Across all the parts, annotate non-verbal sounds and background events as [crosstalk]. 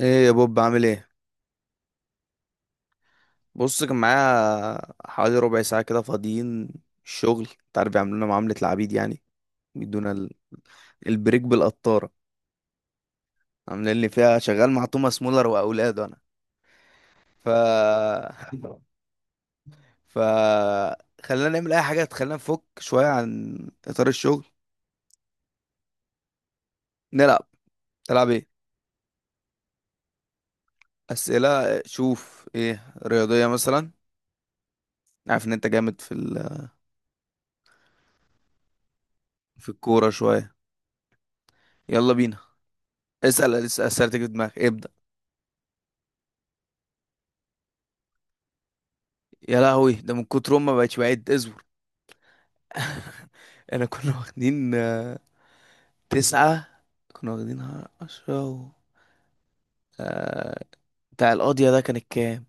ايه يا بوب، عامل ايه؟ بص، كان معايا حوالي ربع ساعة كده فاضيين. الشغل انت عارف بيعملوا لنا معاملة العبيد يعني. بيدونا البريك بالقطارة. عاملين لي فيها شغال مع توماس مولر واولاده انا. ف [laughs] ف خلينا نعمل اي حاجة تخلينا نفك شوية عن اطار الشغل. نلعب. تلعب ايه؟ اسئلة. شوف، ايه، رياضية مثلا؟ عارف ان انت جامد في في الكورة شوية. يلا بينا. اسأل اسئلتك في دماغك، ابدأ. يا لهوي، ده من كتر ما بقتش بعد ازور. انا كنا [laughs] واخدين، تسعة. كنا واخدينها عشرة آه، بتاع القاضية ده كانت كام؟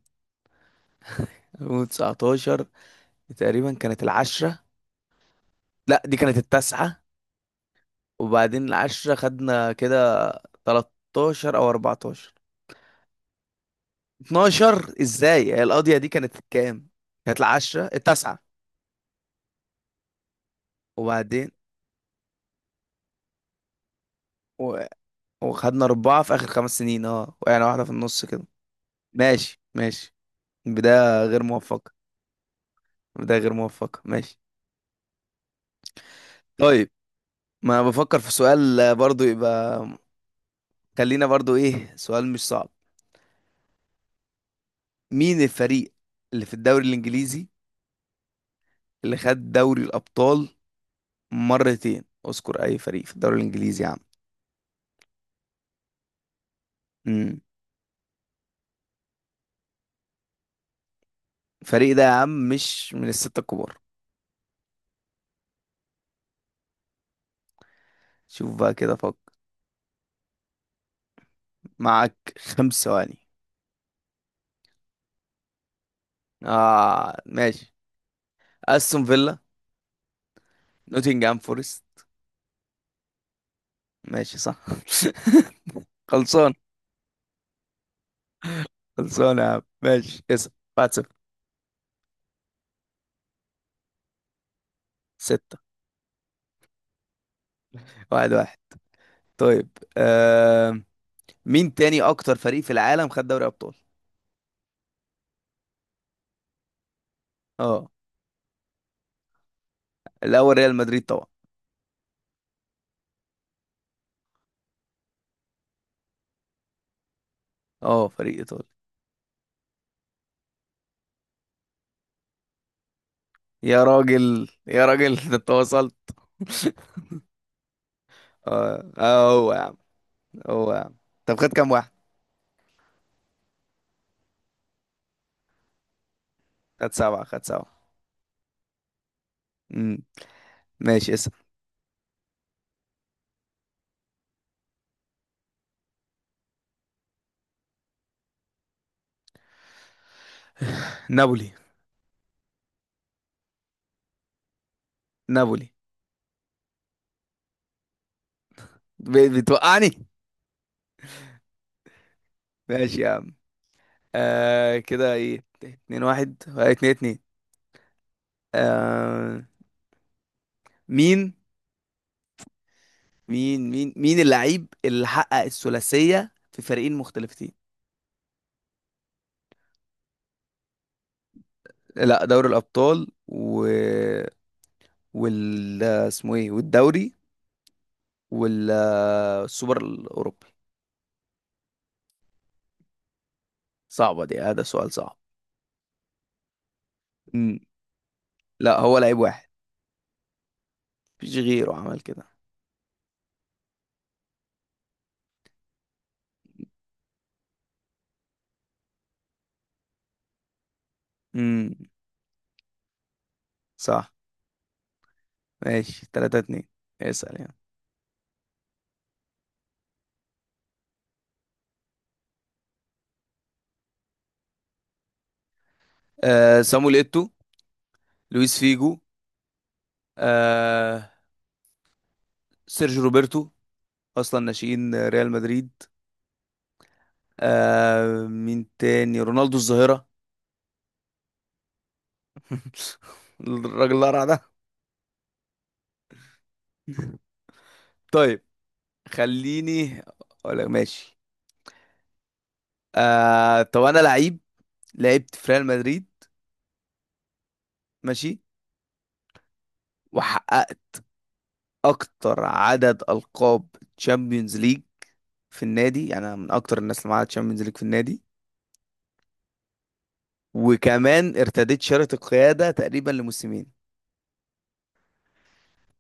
2019 تقريبا. كانت العشرة. لا، دي كانت التاسعة. وبعدين العشرة خدنا كده 13 أو 14. 12 ازاي؟ هي القاضية دي كانت كام؟ كانت العشرة التاسعة. وبعدين و... وخدنا أربعة في آخر خمس سنين، اه يعني واحدة في النص كده. ماشي ماشي. بداية غير موفقة. بداية غير موفقة ماشي. طيب، ما بفكر في سؤال، برضو يبقى. خلينا برضو ايه، سؤال مش صعب. مين الفريق اللي في الدوري الانجليزي اللي خد دوري الابطال مرتين؟ اذكر اي فريق في الدوري الانجليزي يا عم. امم الفريق ده يا عم مش من الستة الكبار. شوف بقى كده، فكر، معك خمس ثواني. اه ماشي. استون فيلا، نوتنجهام فورست. ماشي صح. [laughs] خلصان. خلصان يا عم، ماشي اسأل. 1 0. 6. 1 1. طيب، آه، مين تاني اكتر فريق في العالم خد دوري ابطال؟ اه، الاول ريال مدريد طبعا. اه، فريق ايطالي. يا راجل يا راجل، [laughs] ده انت وصلت. [laughs] اه، هو يا عم. هو يا عم. طب خد كام واحد؟ خد سبعة خد سبعة. امم ماشي، اسم. نابولي. نابولي. بتوقعني. ماشي يا عم. آه كده، ايه، اتنين واحد، اتنين اتنين. آه. مين مين اللعيب اللي حقق الثلاثية في فريقين مختلفتين؟ لا، دوري الابطال وال اسمه ايه والدوري والسوبر الاوروبي. صعبه دي، هذا سؤال صعب. امم لا هو لعيب واحد، مفيش غيره عمل كده. امم صح. ماشي 3 2. اسال يعني. آه سامويل ايتو. لويس فيجو. آه سيرجيو روبرتو، اصلا ناشئين ريال مدريد. آه مين تاني، رونالدو الظاهره. [laughs] الراجل القرع ده. طيب، خليني اقول لك ماشي. طب انا لعيب، لعبت في ريال مدريد. ماشي. وحققت اكتر عدد القاب تشامبيونز ليج في النادي. يعني انا من اكتر الناس اللي معاها تشامبيونز ليج في النادي. وكمان ارتديت شارة القيادة تقريبا لموسمين.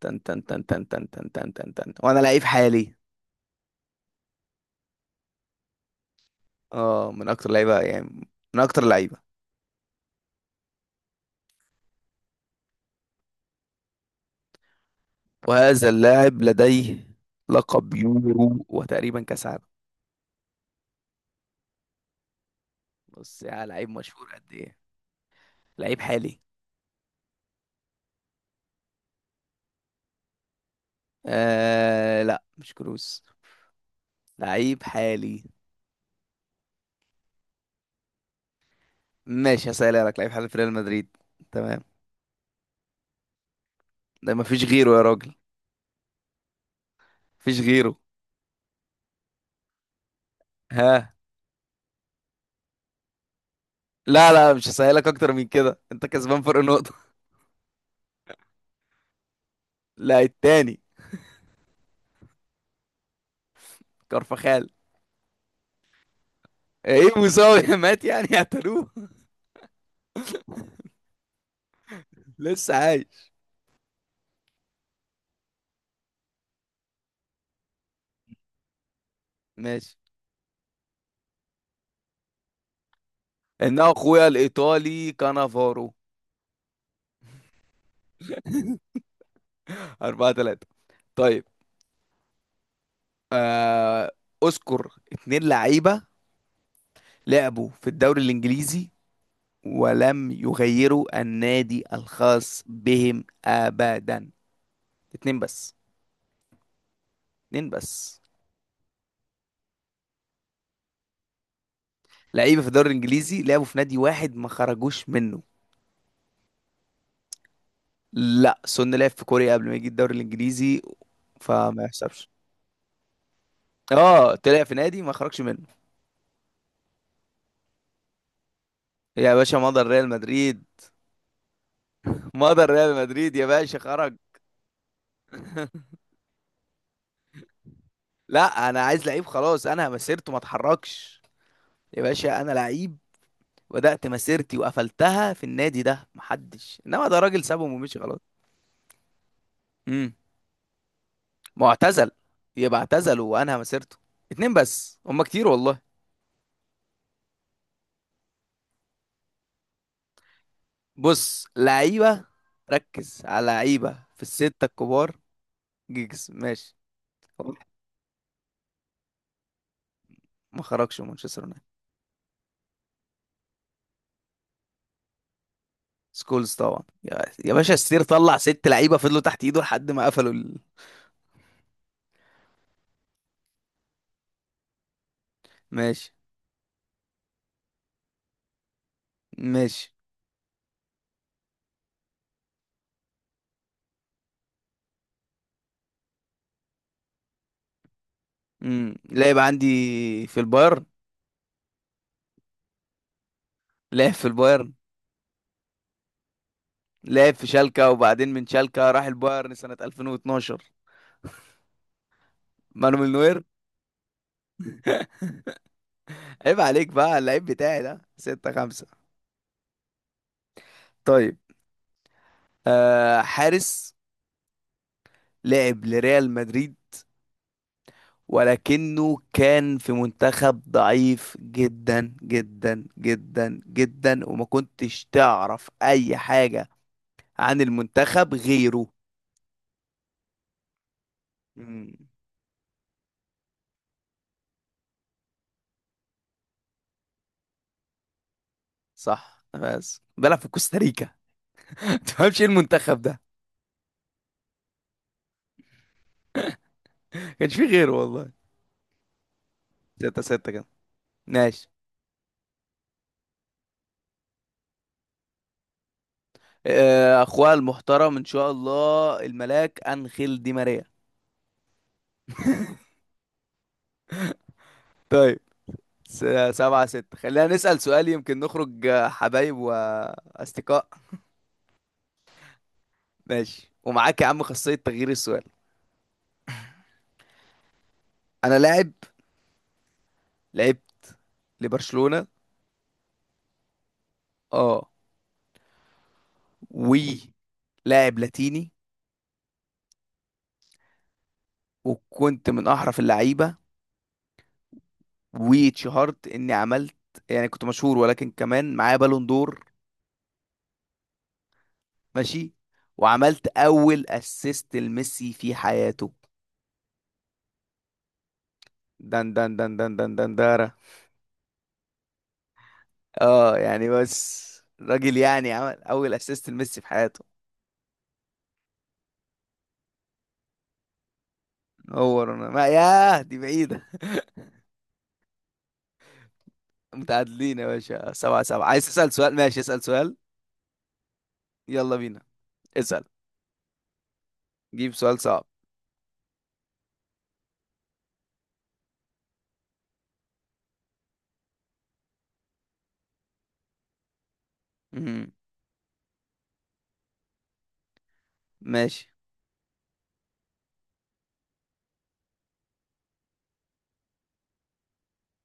تن تن تن تن تن تن تن تن تن. وانا لعيب حالي. اه، من اكتر لعيبة، يعني من اكتر لعيبة. وهذا اللاعب لديه لقب يورو وتقريبا كاس عالم. بص يا لعيب مشهور قد ايه. لعيب حالي. آه لا، مش كروس. لعيب حالي. ماشي، هسألها لك، لعيب حالي في ريال مدريد، تمام. ده مفيش غيره يا راجل. مفيش غيره. ها. لا لا، مش هسألك اكتر من كده، انت كسبان فرق نقطة. [laughs] لا، التاني. كارفخال. ايه مساوي، [laughs] مات يعني، اعتلوه. [laughs] لسه عايش. ماشي، انه اخويا الايطالي كانافارو. [laughs] أربعة تلاتة. طيب، آه، اذكر اتنين لعيبة لعبوا في الدوري الانجليزي ولم يغيروا النادي الخاص بهم أبدا. اتنين بس. اتنين بس. لعيبة في الدوري الإنجليزي لعبوا في نادي واحد، ما خرجوش منه. لا، سون لعب في كوريا قبل ما يجي الدوري الإنجليزي، فما يحسبش. اه، طلع في نادي ما خرجش منه. يا باشا مضى ريال مدريد. مضى ريال مدريد يا باشا، خرج. لا، انا عايز لعيب خلاص، انا مسيرته ما اتحركش. يا باشا، انا لعيب بدأت مسيرتي وقفلتها في النادي ده، محدش انما، ده راجل سابهم ومشي خلاص. مم. ما هو اعتزل، يبقى اعتزل وانهى مسيرته. اتنين بس هما كتير والله. بص لعيبة، ركز على لعيبة في الستة الكبار. جيجز ماشي. واضح. ما خرجش من مانشستر يونايتد. سكولز طبعا يا يا باشا، السير طلع ست لعيبة فضلوا تحت ايده لحد ما قفلوا ماشي ماشي. لعب عندي في البايرن. لعب في البايرن. لعب في شالكة، وبعدين من شالكة راح البايرن سنة 2012. مانويل نوير. عيب عليك بقى، اللعيب بتاعي ده. ستة خمسة. طيب، حارس لعب لريال مدريد، ولكنه كان في منتخب ضعيف جدا جدا جدا جدا، وما كنتش تعرف اي حاجة عن المنتخب غيره. مم، صح، بس بلعب في كوستاريكا. [laughs] تفهمش ايه المنتخب ده. كانش فيه غيره والله. ستة ستة كده ماشي. اخوها المحترم ان شاء الله، الملاك انخيل دي ماريا. طيب، س- سبعة ستة. خلينا نسأل سؤال يمكن نخرج، حبايب وأصدقاء. ماشي، ومعاك يا عم خاصية تغيير السؤال. أنا لاعب، لعبت لبرشلونة. اه. ولاعب لاتيني. وكنت من أحرف اللعيبة، واتشهرت إني عملت، يعني كنت مشهور، ولكن كمان معايا بالون دور. ماشي. وعملت أول أسيست لميسي في حياته. دن دن دن دن دن دن دارا. اه يعني بس، راجل يعني عمل أول أسيست لميسي في حياته. هو انا ما ياه، دي بعيدة. [laughs] متعادلين يا باشا، سبعة سبعة. عايز تسأل سؤال، ماشي اسأل سؤال. يلا بينا. اسأل. جيب سؤال صعب. امم ماشي.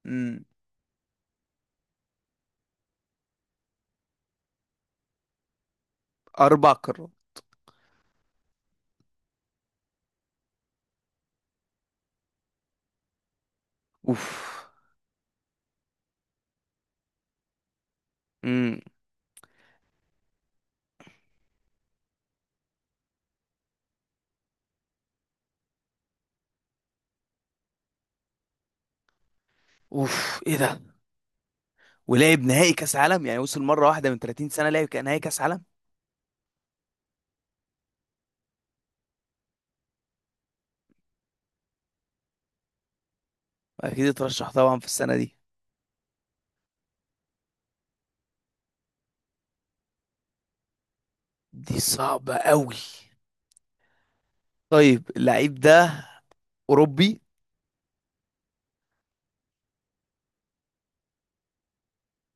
امم أربع قارات. اوف. امم اوف ايه ده. ولعب نهائي كأس عالم، يعني وصل مرة واحدة من 30 سنة لعب كان نهائي كأس عالم. أكيد اترشح طبعا في السنة دي. دي صعبة قوي. طيب، اللعيب ده أوروبي.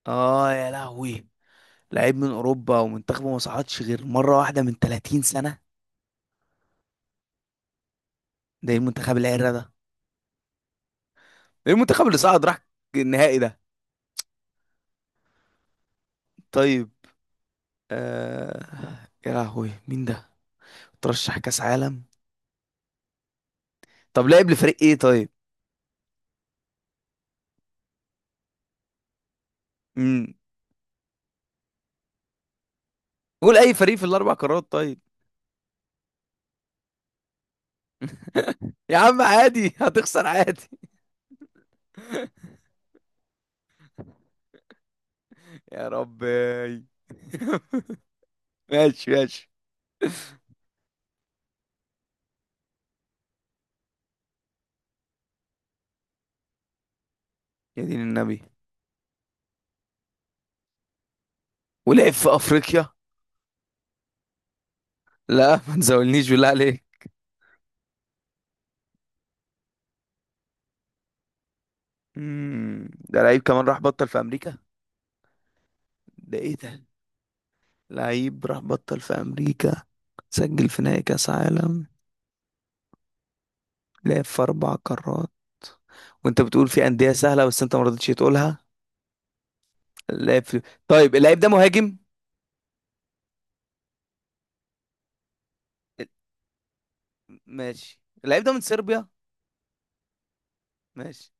اه يا لهوي، لعيب من أوروبا ومنتخبه ما صعدش غير مرة واحدة من 30 سنة؟ ده ايه المنتخب العرة ده؟ ايه المنتخب اللي صعد راح النهائي ده؟ طيب، آه... يا لهوي مين ده، ترشح كاس عالم؟ طب لعب لفريق ايه طيب؟ امم قول اي فريق في الاربع قارات طيب. يا عم عادي، هتخسر عادي. [laughs] يا ربي. [laughs] ماشي ماشي. يا دين النبي. ولعب في افريقيا. لا، ما تزولنيش بالله عليك. ده لعيب كمان راح بطل في امريكا؟ ده ايه ده؟ لعيب راح بطل في امريكا، سجل في نهائي كاس عالم، لعب في اربع قارات، وانت بتقول في انديه سهله بس انت ما رضيتش تقولها. لعب في، طيب، اللعيب ده مهاجم. ماشي، اللعيب ده من صربيا. ماشي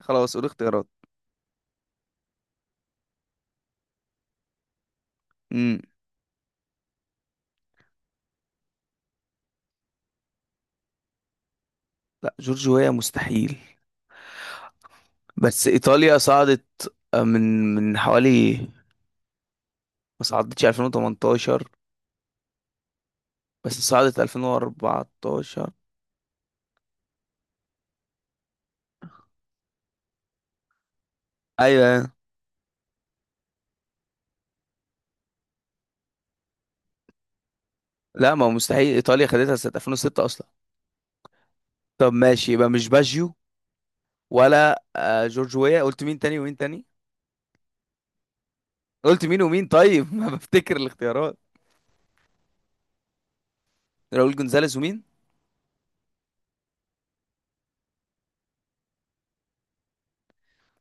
خلاص، قول اختيارات. امم لا، جورجيا مستحيل. بس ايطاليا صعدت، من حوالي، ما صعدتش 2018، بس صعدت 2014. ايوه. لا ما هو مستحيل، ايطاليا خدتها سنه 2006 اصلا. طب ماشي، يبقى مش باجيو ولا، جورج ويا. قلت مين تاني ومين تاني؟ قلت مين ومين طيب؟ [laughs] ما بفتكر الاختيارات. راؤول جونزاليز ومين؟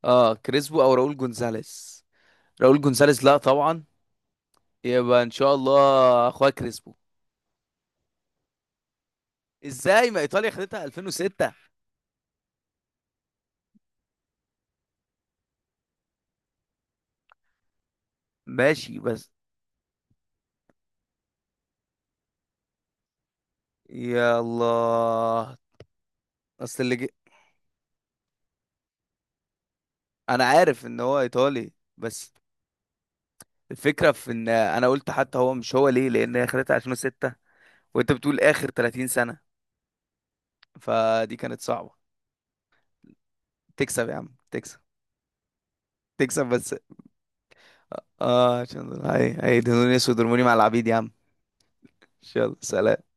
اه، كريسبو او راؤول جونزاليز. راؤول جونزاليز لا طبعا. يبقى ان شاء الله اخويا كريسبو. ازاي، ما ايطاليا خدتها 2006. ماشي بس. يا الله. اصل اللي جي... انا عارف ان هو ايطالي بس. الفكره في ان انا قلت حتى هو مش هو، ليه؟ لان هي خدتها 2006 وانت بتقول اخر 30 سنه. فدي كانت صعبه. تكسب يا عم، تكسب. تكسب بس. اه، عشان دول هي هيدهنوني اسود، ارموني مع العبيد يا عم. يلا، سلام.